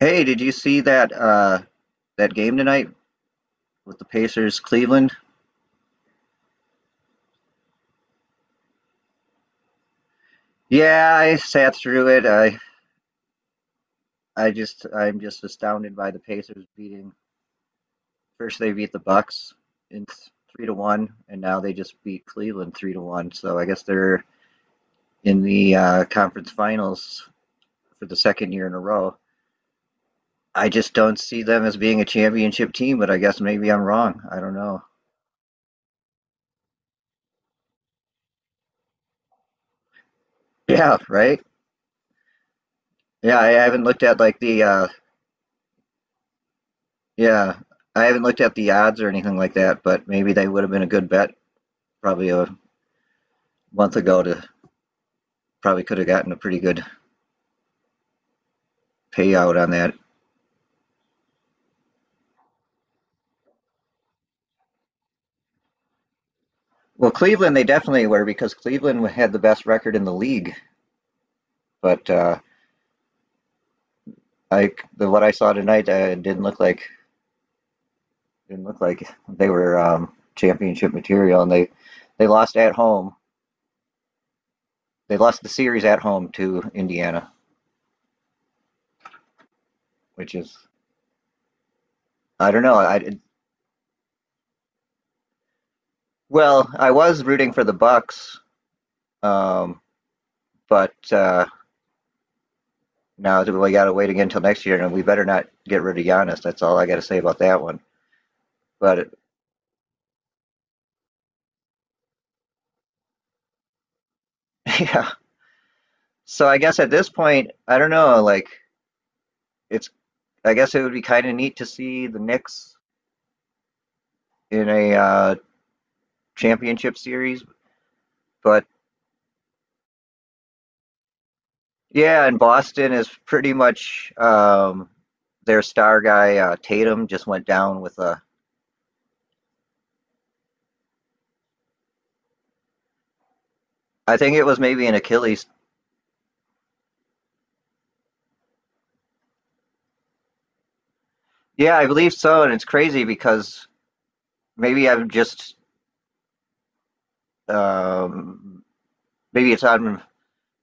Hey, did you see that that game tonight with the Pacers Cleveland? Yeah, I sat through it. I'm just astounded by the Pacers beating. First they beat the Bucks in 3-1, and now they just beat Cleveland 3-1. So I guess they're in the conference finals for the second year in a row. I just don't see them as being a championship team, but I guess maybe I'm wrong. I don't know. Yeah, right? Yeah, I haven't looked at like the. Yeah, I haven't looked up the odds or anything like that, but maybe they would have been a good bet, probably a month ago, to probably could have gotten a pretty good payout on that. Well, Cleveland they definitely were because Cleveland had the best record in the league, but I the what I saw tonight didn't look like they were championship material, and they lost at home. They lost the series at home to Indiana, which is, I don't know. I well, I was rooting for the Bucks, um, but. Now we got to wait again until next year, and we better not get rid of Giannis. That's all I got to say about that one. But yeah, so I guess at this point, I don't know. Like, it's, I guess it would be kind of neat to see the Knicks in a championship series. But yeah, and Boston is pretty much their star guy Tatum just went down with a. I think it was maybe an Achilles. Yeah, I believe so, and it's crazy because maybe I'm just um, maybe it's on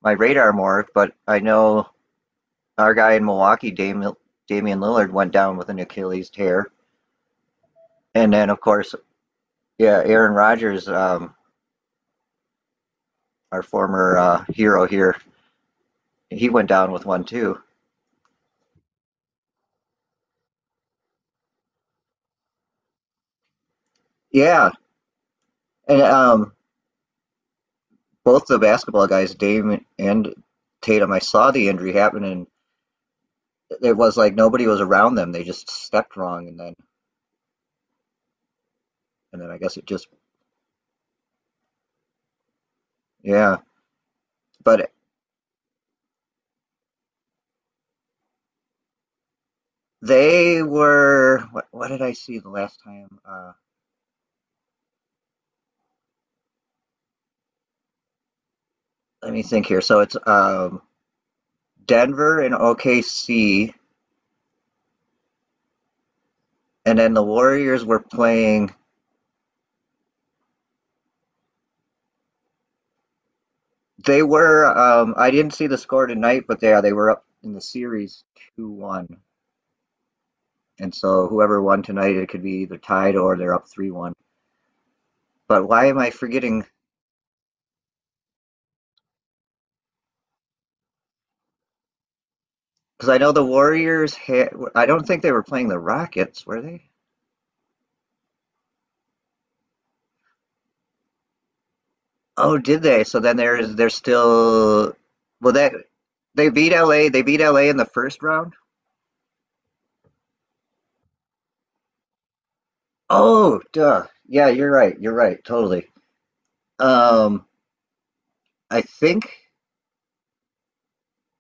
my radar more, but I know our guy in Milwaukee, Damian Lillard, went down with an Achilles tear. And then, of course, yeah, Aaron Rodgers, our former hero here, he went down with one too. Yeah, and both the basketball guys, Dame and Tatum, I saw the injury happen, and it was like nobody was around them. They just stepped wrong, and then I guess it just yeah. But they were what? What did I see the last time? Let me think here. So it's Denver and OKC, and then the Warriors were playing. They were. I didn't see the score tonight, but yeah, they were up in the series 2-1, and so whoever won tonight, it could be either tied or they're up 3-1. But why am I forgetting? Because I know the Warriors had, I don't think they were playing the Rockets, were they? Oh, did they? So then there's they're still. Well, that they beat LA. They beat LA in the first round. Oh, duh. Yeah, you're right. You're right. Totally. Um, I think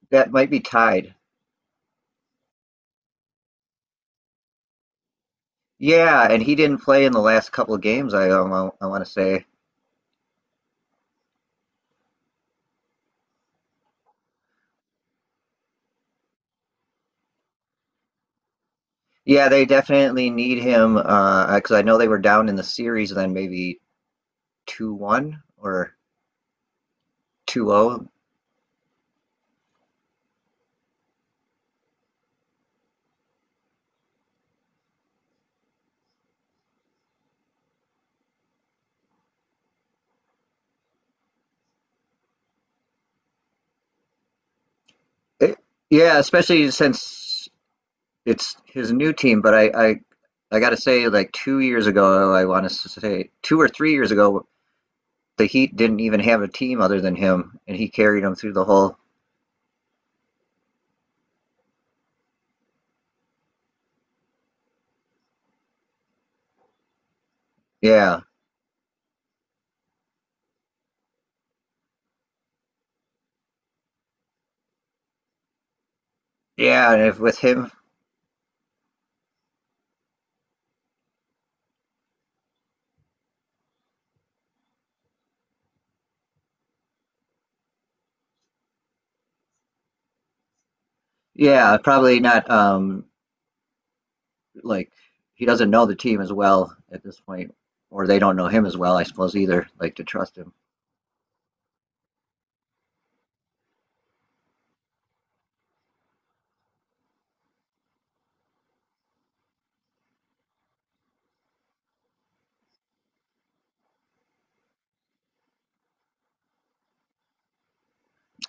that might be tied. Yeah, and he didn't play in the last couple of games. I want to say. Yeah, they definitely need him because I know they were down in the series, then maybe 2-1 or 2-0. Yeah, especially since it's his new team. But I gotta say, like 2 years ago, I want to say 2 or 3 years ago, the Heat didn't even have a team other than him, and he carried them through the whole. Yeah, yeah, and if with him. Yeah, probably not. Like, he doesn't know the team as well at this point, or they don't know him as well, I suppose either. Like, to trust him.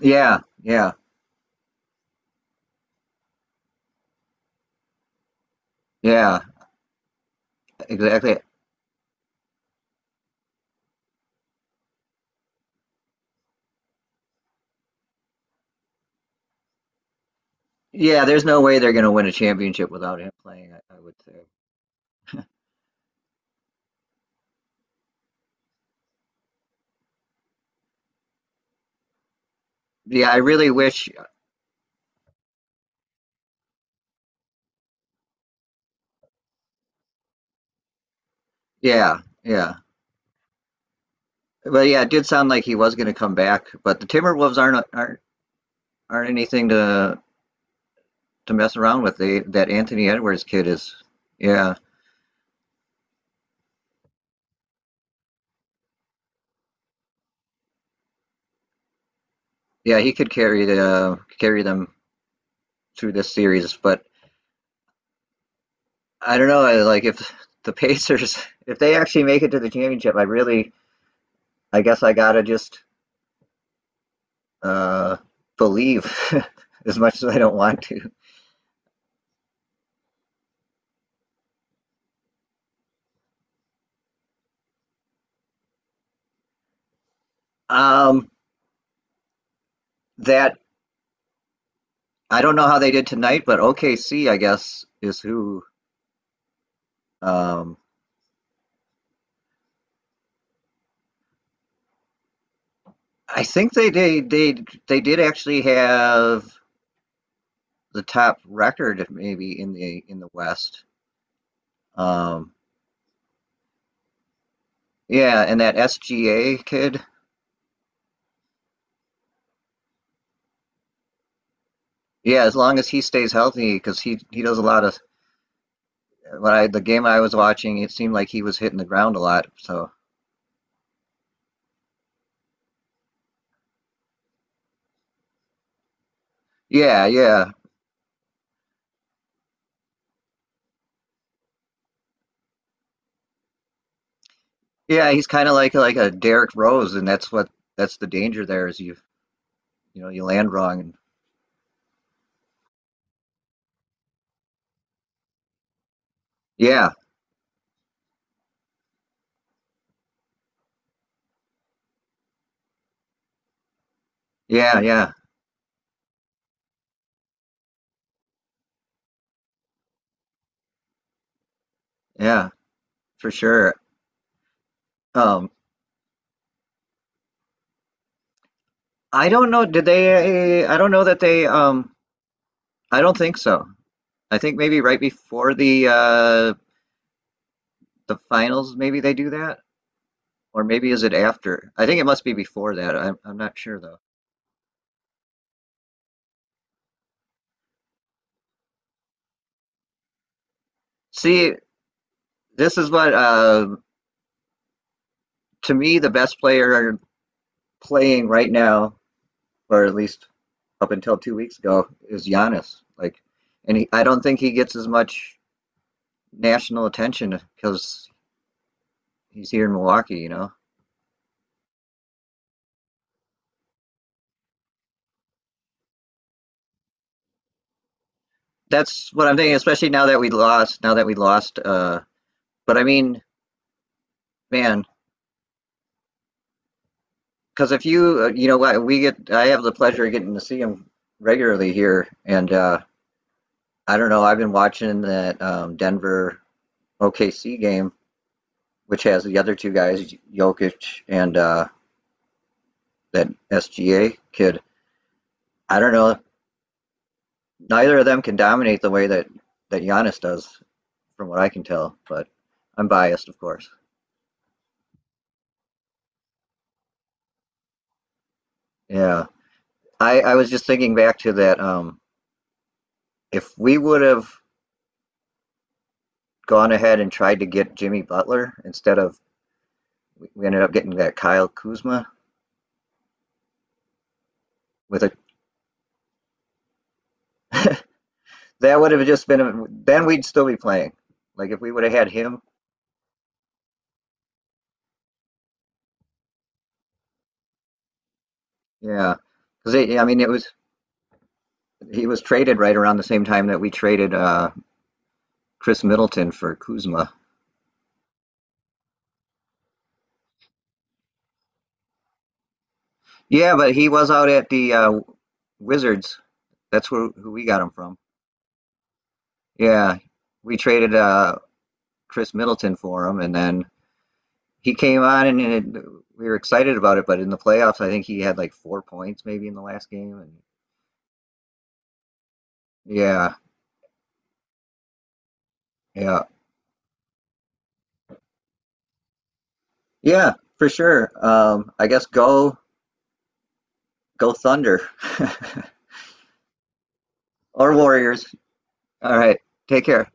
Yeah, yeah, yeah, exactly. Yeah, there's no way they're going to win a championship without him playing. I would say. Yeah, I really wish. Yeah, yeah, but yeah, it did sound like he was going to come back. But the Timberwolves aren't anything to mess around with. They, that Anthony Edwards kid is. Yeah, yeah, he could carry them through this series, but I don't know. Like, if the Pacers, if they actually make it to the championship, I really, I guess I gotta just uh, believe, as much as I don't want to. Um, that I don't know how they did tonight, but OKC, I guess, is who. Um, I think they did actually have the top record maybe in the West. Um, yeah, and that SGA kid. Yeah, as long as he stays healthy, because he does a lot of. When I the game I was watching, it seemed like he was hitting the ground a lot. So yeah, yeah, yeah. He's kind of like a Derrick Rose, and that's the danger there is, you land wrong. And yeah, yeah, yeah, yeah, for sure. Um, I don't know. Did they? I don't know that they. I don't think so. I think maybe right before the finals, maybe they do that, or maybe is it after? I think it must be before that. I'm not sure though. See, this is what to me, the best player playing right now, or at least up until 2 weeks ago, is Giannis. Like, and he, I don't think he gets as much national attention because he's here in Milwaukee. That's what I'm thinking. Especially now that we lost, now that we lost. But I mean, man, because if you, what we get, I have the pleasure of getting to see him regularly here, and I don't know. I've been watching that Denver OKC game, which has the other two guys, Jokic and. That SGA kid. I don't know. Neither of them can dominate the way that Giannis does, from what I can tell. But I'm biased, of course. Yeah, I was just thinking back to that. If we would have gone ahead and tried to get Jimmy Butler, instead of, we ended up getting that Kyle Kuzma with a that would have just been a, then we'd still be playing. Like, if we would have had him, yeah, because I mean it was he was traded right around the same time that we traded Chris Middleton for Kuzma. Yeah, but he was out at the Wizards. That's where who we got him from. Yeah, we traded Chris Middleton for him, and then he came on, and, it, we were excited about it. But in the playoffs, I think he had like 4 points maybe in the last game. And yeah, yeah, yeah, for sure. I guess go Thunder or Warriors. All right, take care.